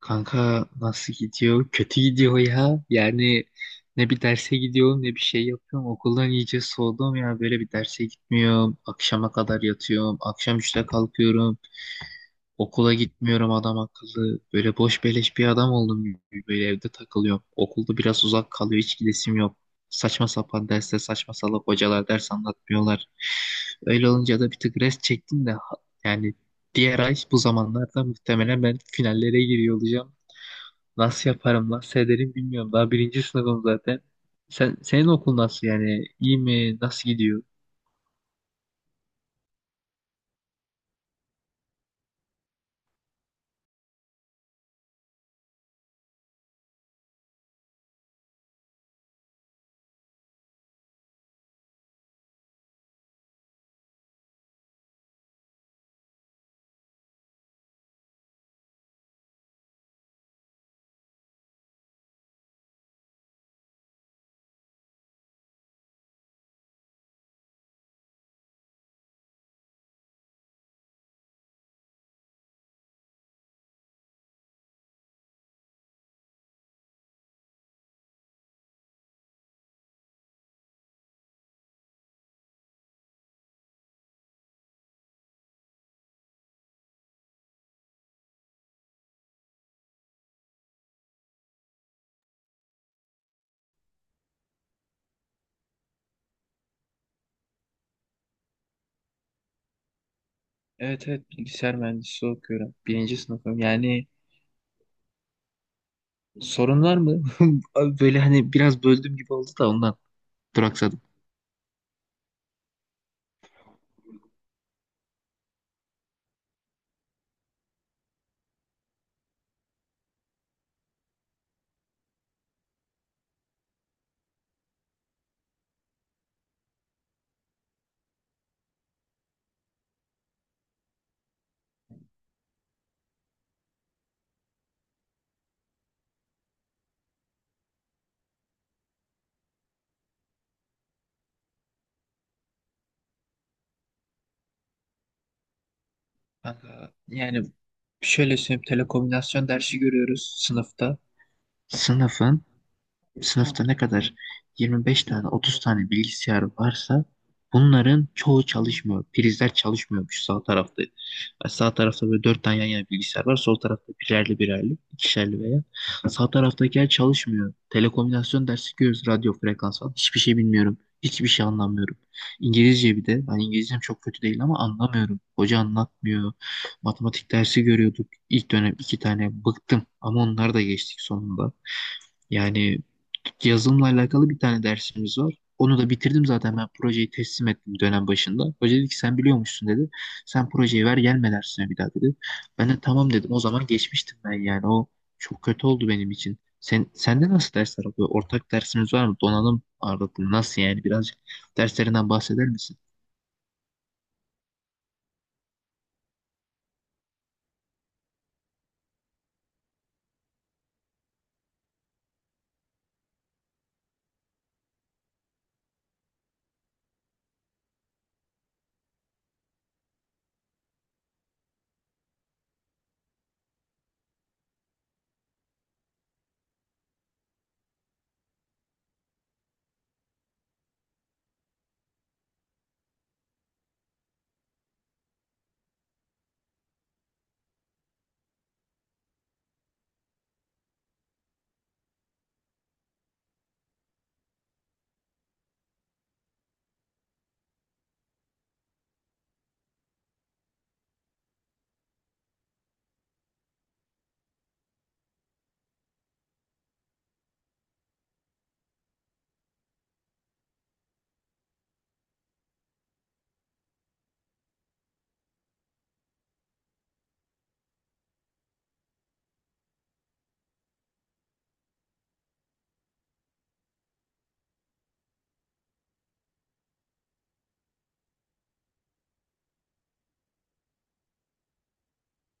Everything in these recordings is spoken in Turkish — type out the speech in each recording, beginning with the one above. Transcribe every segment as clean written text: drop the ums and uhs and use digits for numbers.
Kanka nasıl gidiyor? Kötü gidiyor ya. Ne bir derse gidiyorum ne bir şey yapıyorum. Okuldan iyice soğudum ya. Böyle bir derse gitmiyorum. Akşama kadar yatıyorum. Akşam üçte kalkıyorum. Okula gitmiyorum adam akıllı. Böyle boş beleş bir adam oldum gibi. Böyle evde takılıyorum. Okulda biraz uzak kalıyor. Hiç gidesim yok. Saçma sapan derste saçma salak hocalar ders anlatmıyorlar. Öyle olunca da bir tık rest çektim de yani diğer ay bu zamanlarda muhtemelen ben finallere giriyor olacağım. Nasıl yaparım, nasıl ederim bilmiyorum. Daha birinci sınıfım zaten. Senin okul nasıl yani? İyi mi? Nasıl gidiyor? Evet, evet, bilgisayar mühendisliği okuyorum. Birinci sınıfım. Yani sorun var mı? Abi, böyle hani biraz böldüm gibi oldu da ondan duraksadım. Kanka, yani şöyle söyleyeyim, telekomünikasyon dersi görüyoruz sınıfta. Sınıfın. Sınıfta ne kadar 25 tane 30 tane bilgisayar varsa bunların çoğu çalışmıyor. Prizler çalışmıyormuş sağ tarafta. Yani sağ tarafta böyle 4 tane yan yana bilgisayar var. Sol tarafta birerli birerli, ikişerli veya. Sağ taraftakiler çalışmıyor. Telekomünikasyon dersi görüyoruz. Radyo frekans falan. Hiçbir şey bilmiyorum. Hiçbir şey anlamıyorum. İngilizce bir de. Hani İngilizcem çok kötü değil ama anlamıyorum. Hoca anlatmıyor. Matematik dersi görüyorduk. İlk dönem iki tane bıktım. Ama onlar da geçtik sonunda. Yani yazılımla alakalı bir tane dersimiz var. Onu da bitirdim zaten, ben projeyi teslim ettim dönem başında. Hoca dedi ki sen biliyormuşsun dedi. Sen projeyi ver, gelme dersine bir daha dedi. Ben de tamam dedim. O zaman geçmiştim ben yani. O çok kötü oldu benim için. Sende nasıl dersler oluyor? Ortak dersiniz var mı? Donanım ağırlıklı nasıl yani? Birazcık derslerinden bahseder misin?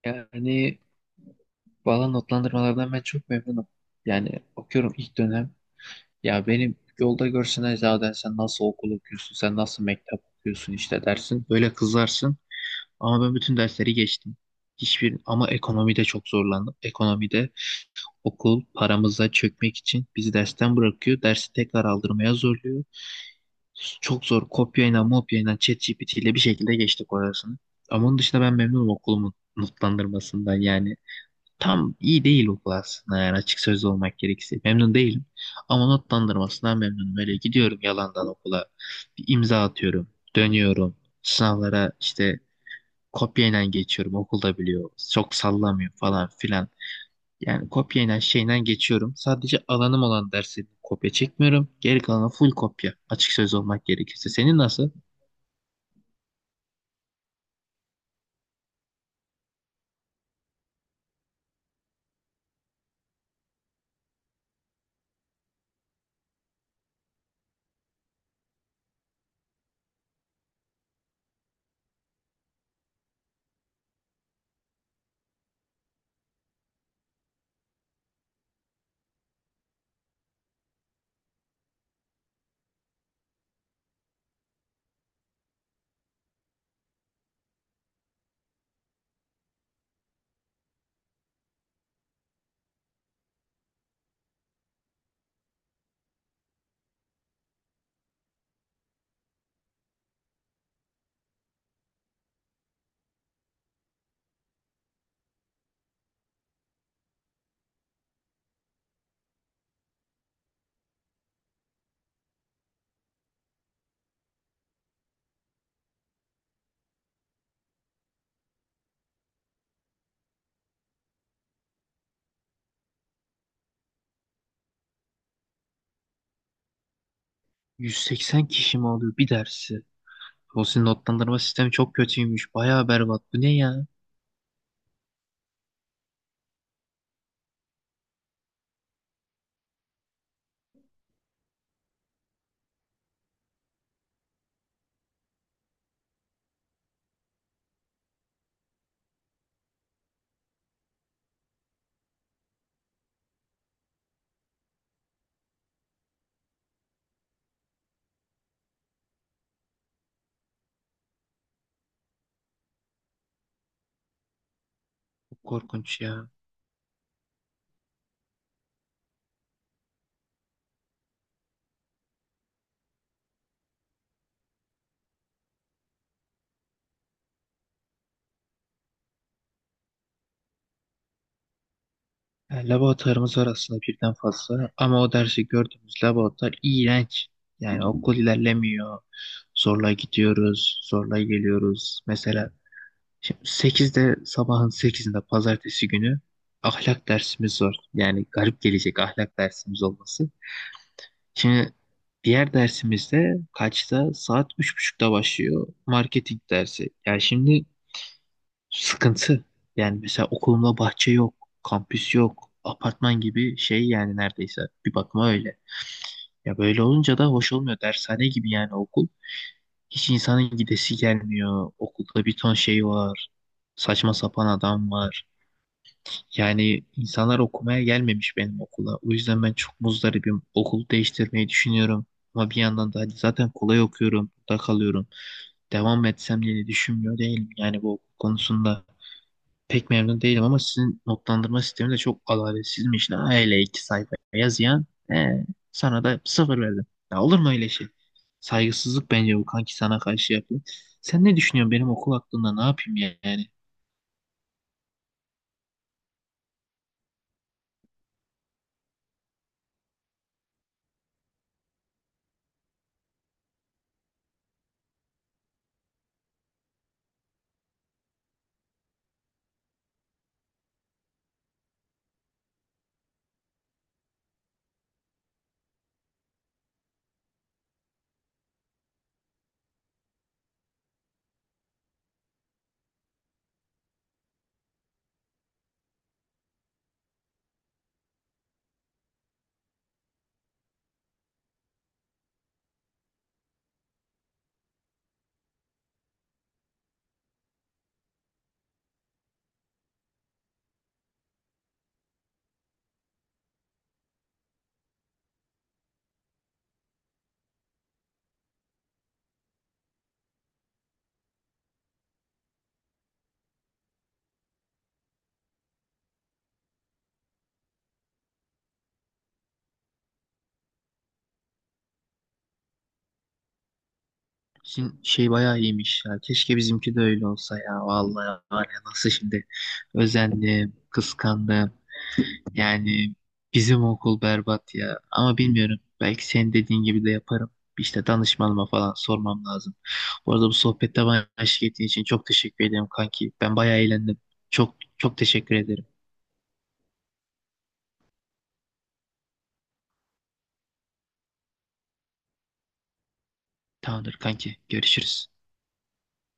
Yani valla notlandırmalardan ben çok memnunum. Yani okuyorum ilk dönem. Ya benim yolda görsen zaten sen nasıl okul okuyorsun, sen nasıl mektep okuyorsun işte dersin. Böyle kızarsın. Ama ben bütün dersleri geçtim. Hiçbir ama ekonomide çok zorlandım. Ekonomide okul paramıza çökmek için bizi dersten bırakıyor. Dersi tekrar aldırmaya zorluyor. Çok zor, kopyayla mopyayla ChatGPT ile bir şekilde geçtik orasını. Ama onun dışında ben memnunum okulumun notlandırmasından. Yani tam iyi değil okul aslında, yani açık sözlü olmak gerekirse. Memnun değilim ama notlandırmasından memnunum. Öyle gidiyorum yalandan okula, bir imza atıyorum, dönüyorum, sınavlara işte kopyayla geçiyorum, okulda biliyor, çok sallamıyor falan filan. Yani kopyayla şeyle geçiyorum. Sadece alanım olan dersi kopya çekmiyorum. Geri kalanı full kopya. Açık söz olmak gerekirse. Senin nasıl? 180 kişi mi oluyor bir dersi? O sizin notlandırma sistemi çok kötüymüş. Bayağı berbat. Bu ne ya? Çok korkunç ya. Yani laboratuvarımız var aslında birden fazla ama o dersi gördüğümüz laboratuvar iğrenç. Yani okul ilerlemiyor. Zorla gidiyoruz, zorla geliyoruz. Mesela şimdi sekizde, sabahın sekizinde pazartesi günü ahlak dersimiz var. Yani garip gelecek ahlak dersimiz olması. Şimdi diğer dersimizde kaçta? Saat üç buçukta başlıyor. Marketing dersi. Yani şimdi sıkıntı. Yani mesela okulumda bahçe yok, kampüs yok, apartman gibi şey yani neredeyse bir bakıma öyle. Ya böyle olunca da hoş olmuyor. Dershane gibi yani okul. Hiç insanın gidesi gelmiyor. Okulda bir ton şey var. Saçma sapan adam var. Yani insanlar okumaya gelmemiş benim okula. O yüzden ben çok muzdaribim. Okul değiştirmeyi düşünüyorum. Ama bir yandan da hadi zaten kolay okuyorum. Burada kalıyorum. Devam etsem diye de düşünmüyor değilim. Yani bu okul konusunda pek memnun değilim ama sizin notlandırma sistemi de çok adaletsizmiş lan. Hele iki sayfa yazıyan ee, sana da sıfır verdim. Ya olur mu öyle şey? Saygısızlık bence bu kanki, sana karşı yapılan. Sen ne düşünüyorsun benim okul hakkında, ne yapayım yani? Sizin şey bayağı iyiymiş ya. Keşke bizimki de öyle olsa ya. Vallahi var ya, nasıl şimdi özendim, kıskandım. Yani bizim okul berbat ya. Ama bilmiyorum. Belki senin dediğin gibi de yaparım. İşte danışmanıma falan sormam lazım. Bu arada bu sohbette bana eşlik ettiğin için çok teşekkür ederim kanki. Ben bayağı eğlendim. Çok çok teşekkür ederim. Tamamdır kanki. Görüşürüz.